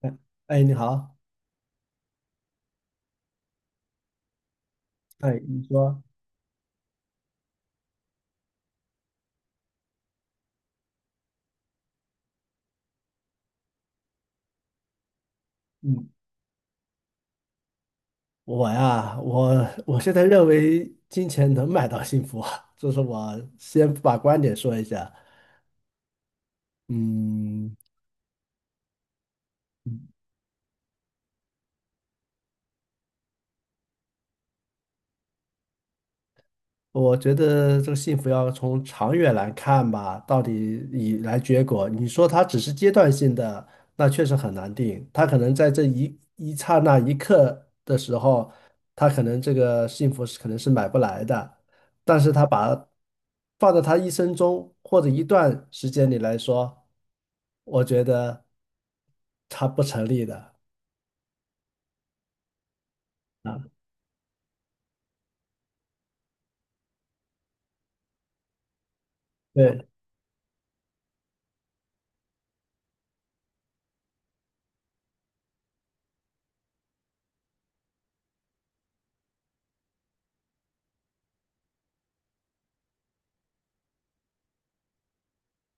哎，哎，你好，哎，你说，嗯，我呀，我我现在认为金钱能买到幸福啊，这是我先把观点说一下。嗯，我觉得这个幸福要从长远来看吧，到底以来结果。你说它只是阶段性的，那确实很难定。它可能在这一刹那一刻的时候，它可能这个幸福是可能是买不来的，但是他把放在他一生中或者一段时间里来说，我觉得它不成立的啊。对，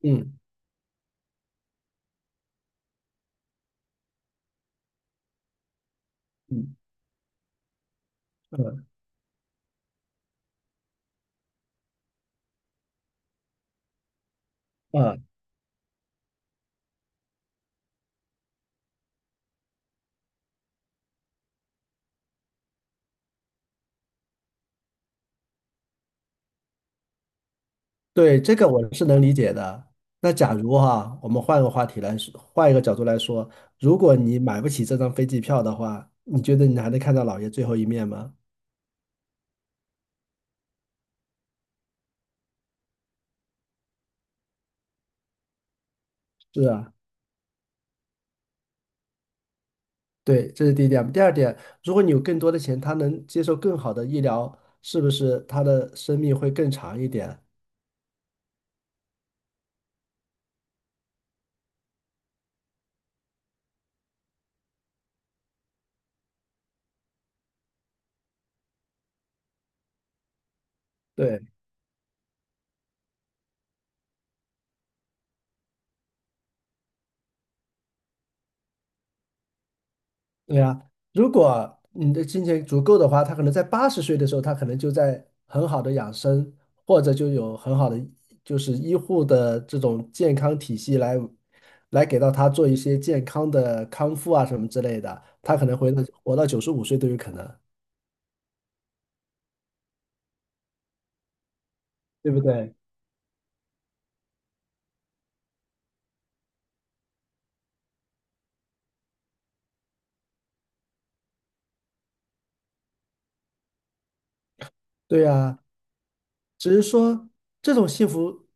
嗯嗯嗯嗯。对，这个我是能理解的。那假如哈，我们换个话题来说，换一个角度来说，如果你买不起这张飞机票的话，你觉得你还能看到姥爷最后一面吗？是啊，对，这是第一点。第二点，如果你有更多的钱，他能接受更好的医疗，是不是他的生命会更长一点？对。对呀，如果你的金钱足够的话，他可能在八十岁的时候，他可能就在很好的养生，或者就有很好的就是医护的这种健康体系来给到他做一些健康的康复啊什么之类的，他可能会活到九十五岁都有可能，对不对？对呀，只是说这种幸福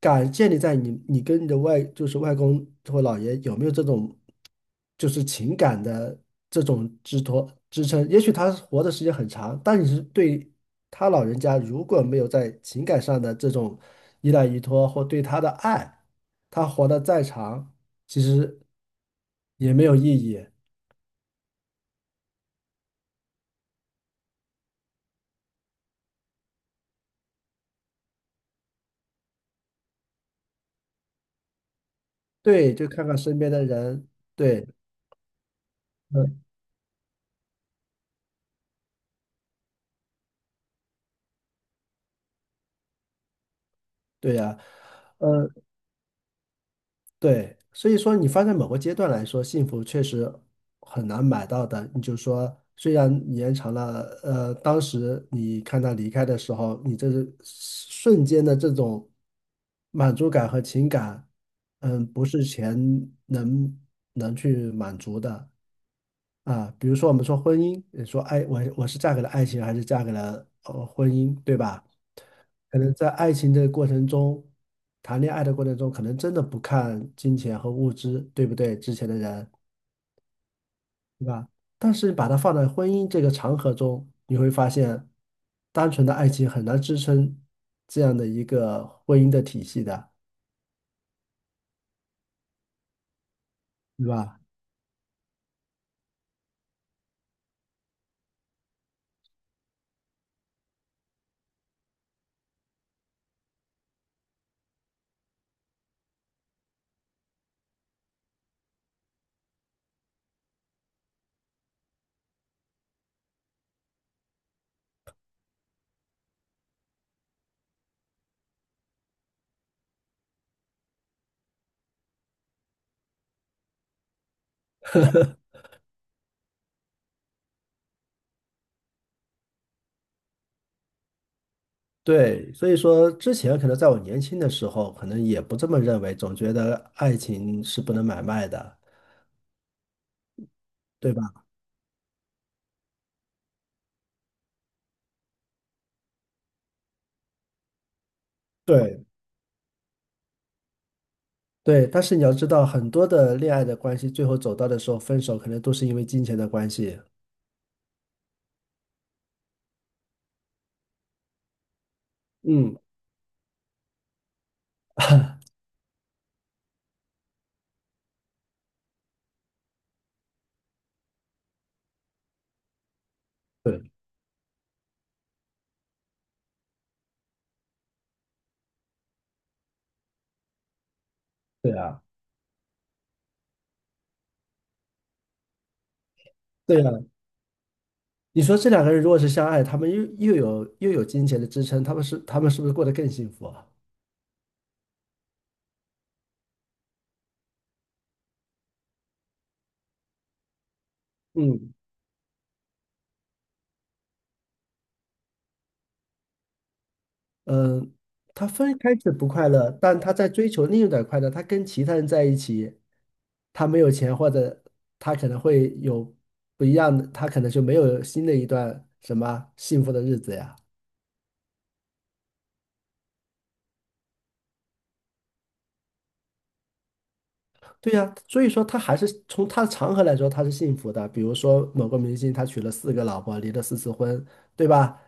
感建立在你跟你的外就是外公或姥爷有没有这种就是情感的这种支托支撑。也许他活的时间很长，但你是对他老人家如果没有在情感上的这种依赖依托或对他的爱，他活得再长，其实也没有意义。对，就看看身边的人，对，嗯，对呀，呃。对，所以说你发在某个阶段来说，幸福确实很难买到的。你就说，虽然你延长了，当时你看他离开的时候，你这是瞬间的这种满足感和情感，嗯，不是钱能能去满足的啊。比如说，我们说婚姻，你说爱，我是嫁给了爱情，还是嫁给了婚姻，对吧？可能在爱情的过程中，谈恋爱的过程中，可能真的不看金钱和物质，对不对？之前的人，对吧？但是把它放在婚姻这个长河中，你会发现，单纯的爱情很难支撑这样的一个婚姻的体系的，对吧？对，所以说之前可能在我年轻的时候，可能也不这么认为，总觉得爱情是不能买卖的，对吧？对对，但是你要知道，很多的恋爱的关系，最后走到的时候分手，可能都是因为金钱的关系。嗯，对对啊，对啊。你说这两个人如果是相爱，他们又有金钱的支撑，他们是不是过得更幸福啊？嗯，嗯、呃他分开是不快乐，但他在追求另一种快乐。他跟其他人在一起，他没有钱，或者他可能会有不一样的，他可能就没有新的一段什么幸福的日子呀。对呀，所以说他还是从他的长河来说，他是幸福的。比如说某个明星，他娶了四个老婆，离了四次婚，对吧？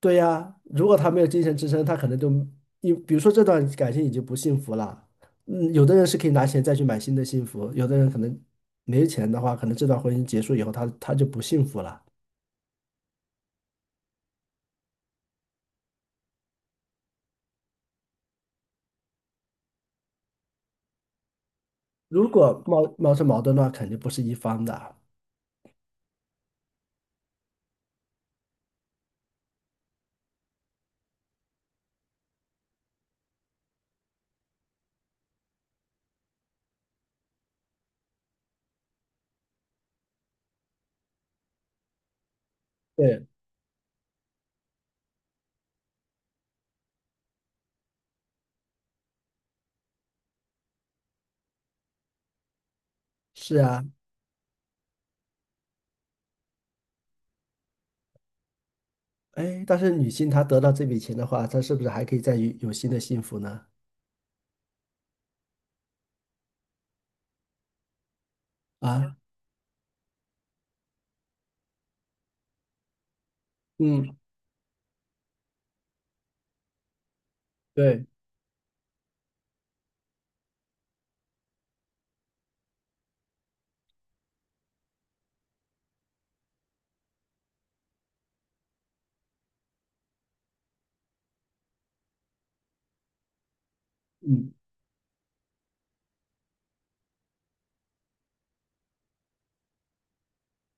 对呀，如果他没有精神支撑，他可能就你比如说这段感情已经不幸福了。嗯，有的人是可以拿钱再去买新的幸福，有的人可能没钱的话，可能这段婚姻结束以后他，他就不幸福了。如果冒出矛盾的话，肯定不是一方的。对，是啊，哎，但是女性她得到这笔钱的话，她是不是还可以再有新的幸福呢？啊，嗯，对，嗯，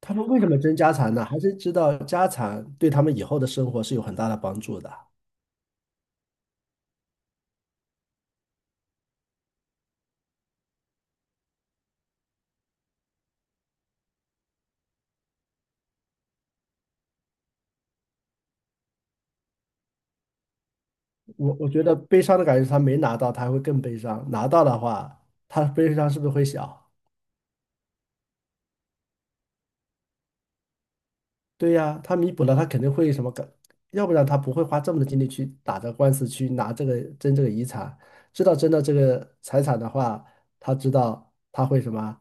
他们为什么争家产呢？还是知道家产对他们以后的生活是有很大的帮助的。我觉得悲伤的感觉是他没拿到，他还会更悲伤；拿到的话，他悲伤是不是会小？对呀，他弥补了，他肯定会什么感，要不然他不会花这么多精力去打这个官司，去拿这个争这个遗产。知道争到这个财产的话，他知道他会什么，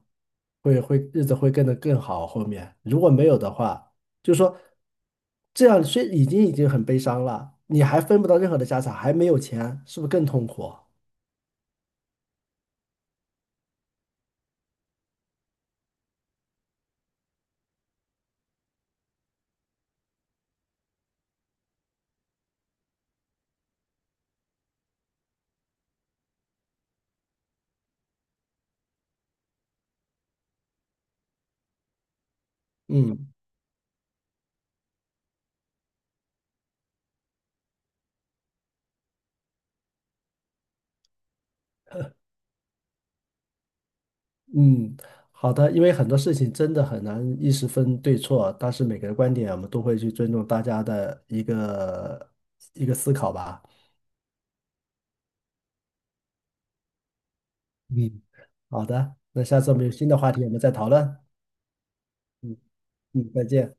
会日子会变得更好。后面如果没有的话，就是说这样虽已经很悲伤了，你还分不到任何的家产，还没有钱，是不是更痛苦？嗯。嗯，好的，因为很多事情真的很难一时分对错，但是每个人观点我们都会去尊重大家的一个思考吧。嗯好的，那下次我们有新的话题，我们再讨论。嗯嗯，再见。